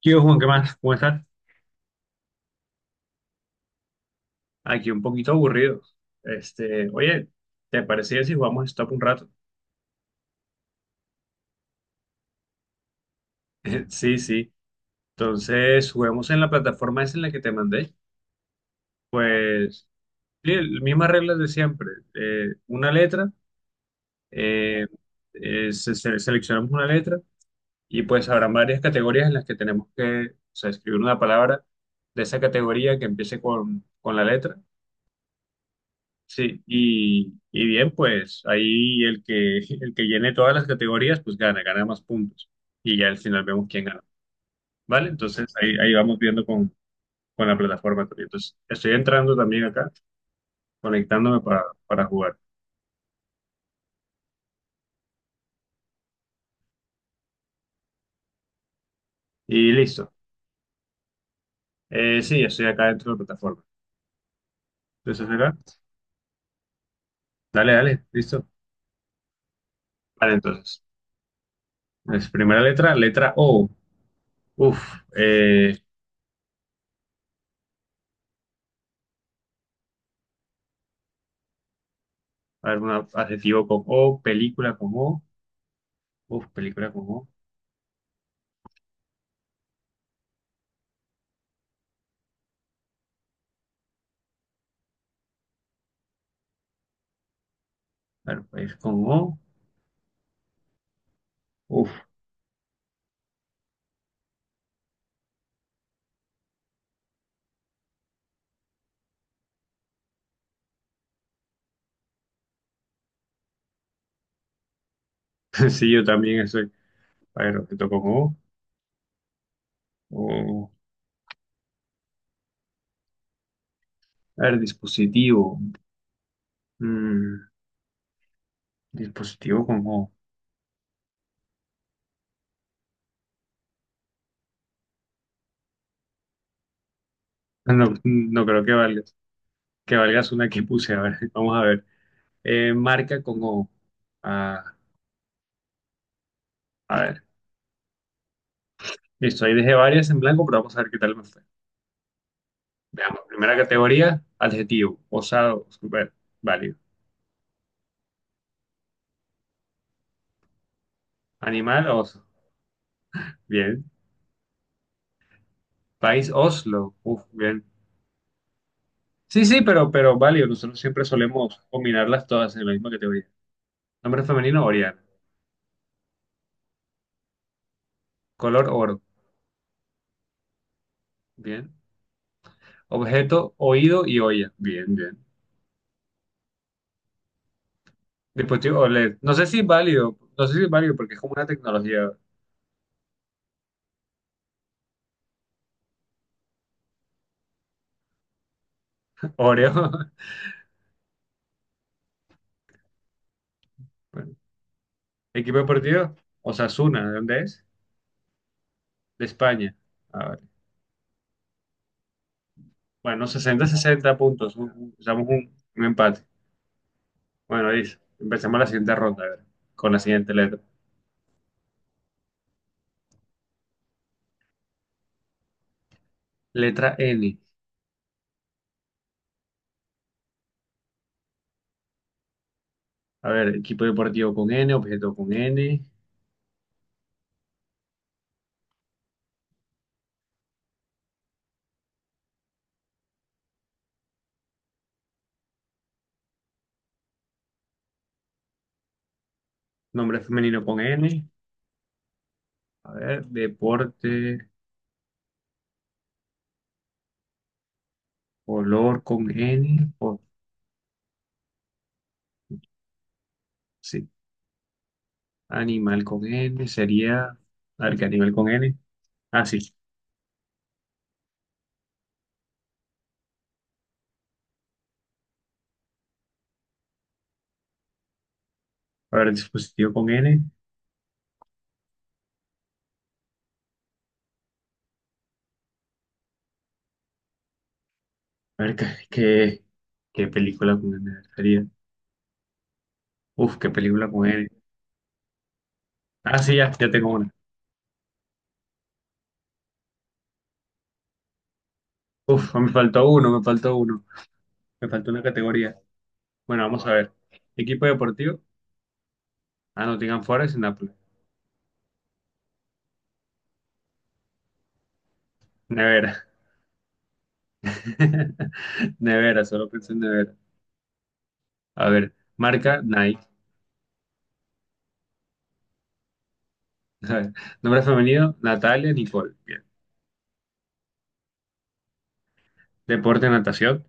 ¿Qué hubo, Juan? ¿Qué más? ¿Cómo estás? Aquí un poquito aburrido. Oye, ¿te parecía si jugamos Stop un rato? Sí, sí. Entonces, juguemos en la plataforma esa en la que te mandé. Pues, sí, mismas reglas de siempre. Una letra, eh, seleccionamos una letra y pues habrán varias categorías en las que tenemos que, o sea, escribir una palabra de esa categoría que empiece con la letra. Sí, y bien, pues ahí el que llene todas las categorías, pues gana más puntos. Y ya al final vemos quién gana. ¿Vale? Entonces ahí vamos viendo con la plataforma también. Entonces estoy entrando también acá, conectándome para jugar. Y listo. Sí, estoy acá dentro de la plataforma. Entonces acá, dale, listo. Vale, entonces, es primera letra, letra O. Uf, eh, a ver, un adjetivo con O, película con O. Uf, película con O. A ver, país con O. Uf. Sí, yo también estoy. A ver, objeto como O, a ver, dispositivo. Mm, dispositivo como no, no creo que valgas. Que valgas una que puse. A ver, vamos a ver. Marca como O. Ah, a ver. Listo, ahí dejé varias en blanco, pero vamos a ver qué tal me fue. Veamos. Primera categoría, adjetivo. Osado, super, válido. Animal, oso. Bien. País, Oslo. Uf, bien. Sí, sí, pero válido. Nosotros siempre solemos combinarlas todas en la misma categoría. Nombre femenino, Oriana. Color oro. Bien. Objeto, oído y olla. Bien, bien. Dispositivo OLED. No sé si es válido. No sé si es válido porque es como una tecnología. Oreo. Bueno. Equipo deportivo, Osasuna. ¿De dónde es? De España. A ver. Bueno, 60-60 puntos. Usamos un empate. Bueno, Liz, empecemos la siguiente ronda. A ver, con la siguiente letra. Letra N. A ver, equipo deportivo con N, objeto con N, nombre femenino con N. A ver, deporte. Olor con N, o sí, animal con N, sería, a ver, ¿qué animal con N? Ah, sí, a ver, dispositivo con N, a ver, qué, ¿qué película con N sería? Uf, qué película con N. Ah, sí, ya tengo una. Uf, me faltó uno, me faltó una categoría. Bueno, vamos a ver. Equipo deportivo, ah, Nottingham Forest y Nápoles. Nevera. Nevera, solo pensé en nevera. A ver, marca Nike. A ver, nombre femenino, Natalia Nicole. Deporte, natación.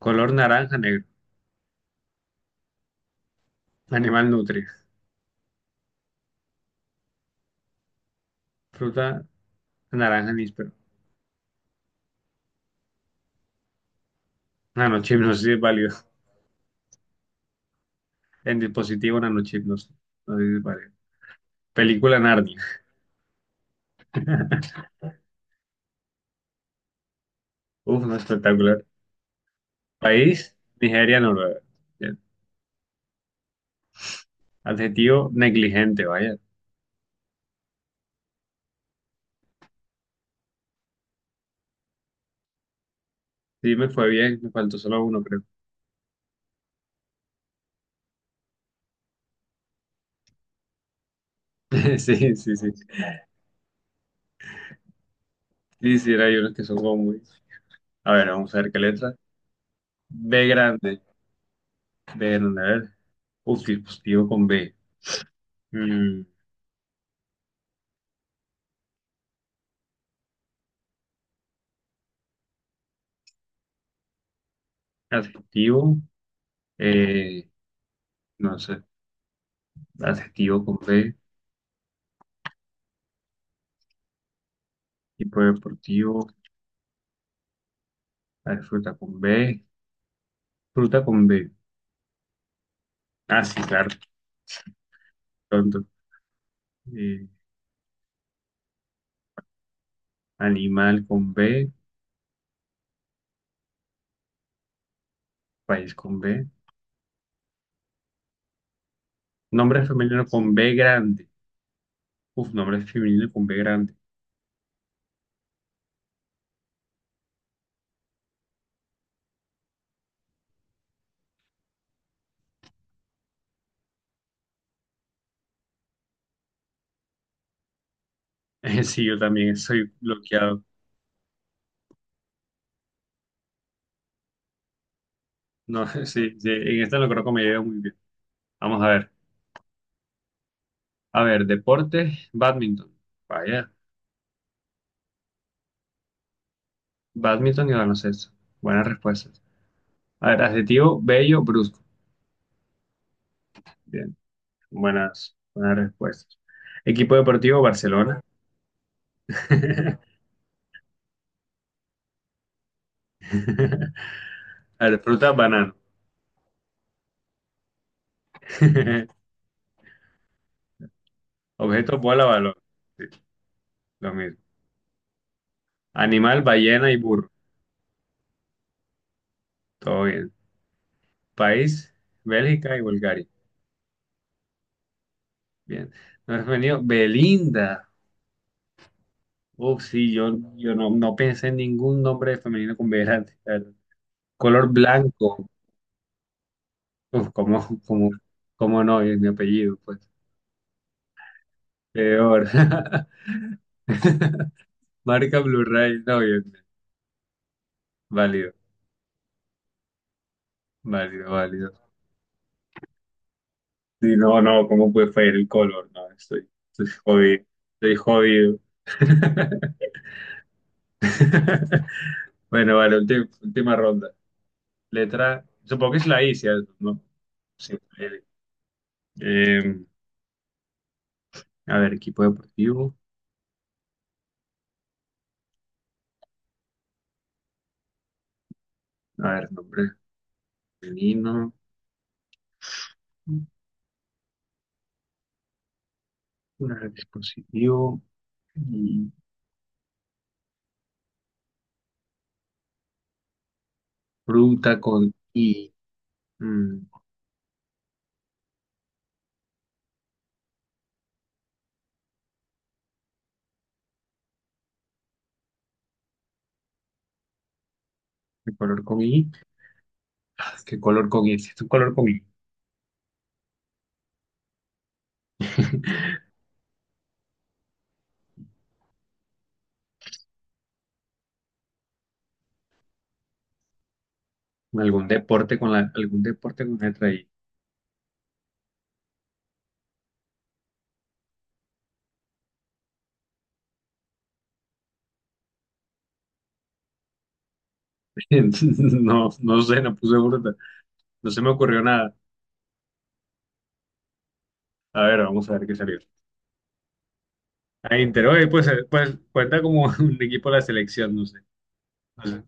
Color naranja, negro. Animal nutria. Fruta, naranja, níspero. Nanochip, no sé si es válido. En dispositivo, nanochip, no sé. No sé si es válido. Película, Narnia. Uf, no, espectacular. País, Nigeria, Noruega. Bien. Adjetivo, negligente, vaya. Sí, me fue bien. Me faltó solo uno, creo. Sí, sí, sí. Sí, sí, hay unos que son como muy... A ver, vamos a ver qué letra. B grande. B grande, a ver. Uf, dispositivo con B. Mm, adjetivo, eh, no sé, adjetivo con B, tipo deportivo, a ver, fruta con B. Ah, sí, claro, tonto. Eh, animal con B, país con B. Nombre femenino con B grande. Uf, nombre femenino con B grande. Sí, yo también estoy bloqueado. No, sí, sí, en esta no creo que me lleve muy bien. Vamos a ver. A ver, deporte, badminton. Vaya, badminton y baloncesto. Buenas respuestas. A ver, adjetivo, bello, brusco. Buenas, buenas respuestas. Equipo deportivo Barcelona. A ver, fruta, banano. Objeto, bola, balón. Sí, lo mismo. Animal, ballena y burro. Todo bien. País, Bélgica y Bulgaria. Bien. Nombre femenino, Belinda. Oh, sí, yo no pensé en ningún nombre femenino con B grande, la verdad. Color blanco. Uf, ¿cómo no? Es mi apellido, pues. Peor. Marca Blu-ray. No, bien, bien. Válido. Válido, válido. Sí, no, no, ¿cómo puede fallar el color? No, estoy jodido. Estoy jodido. Bueno, vale, última ronda. Letra, supongo que es la I, ¿cierto? ¿No? Sí, L. Eh, a ver, equipo deportivo. A ver, nombre femenino. Un dispositivo. Y fruta con I. Mm, ¿qué color con I? Ah, ¿qué color con I? Si es un color con I. ¿Algún deporte con la, algún deporte con letra I? No, no sé, no puse fruta. No se me ocurrió nada. A ver, vamos a ver qué salió. A Inter, oye, pues, pues cuenta como un equipo de la selección, no sé. No sé.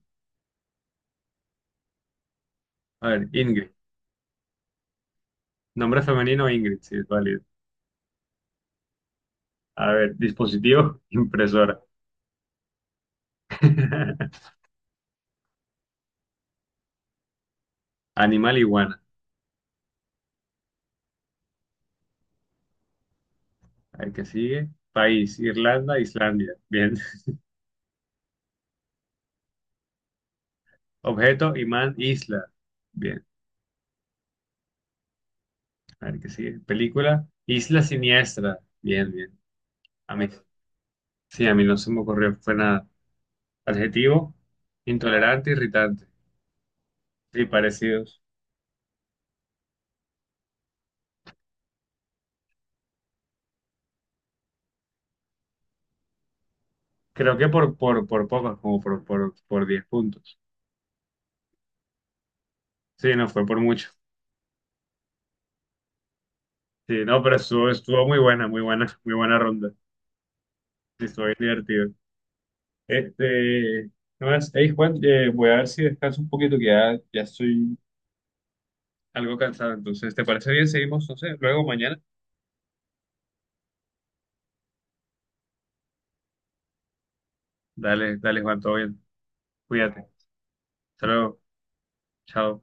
A ver, Ingrid. Nombre femenino, Ingrid, sí, es válido. A ver, dispositivo, impresora. Animal, iguana. A ver, ¿qué sigue? País, Irlanda, Islandia. Bien. Objeto, imán, isla. Bien. A ver, ¿qué sigue? Película, Isla Siniestra. Bien, bien. A mí, sí, a mí no se me ocurrió, fue nada. Adjetivo, intolerante, irritante. Sí, parecidos. Creo que por pocas, como por 10 puntos. Sí, no, fue por mucho. Sí, no, pero estuvo, estuvo muy buena, muy buena, muy buena ronda. Sí, estuvo bien divertido. Este, no más, hey, Juan, voy a ver si descanso un poquito, que ya estoy algo cansado. Entonces, ¿te parece bien? Seguimos, no sé, luego mañana. Dale, dale, Juan, todo bien. Cuídate. Hasta luego. Chao.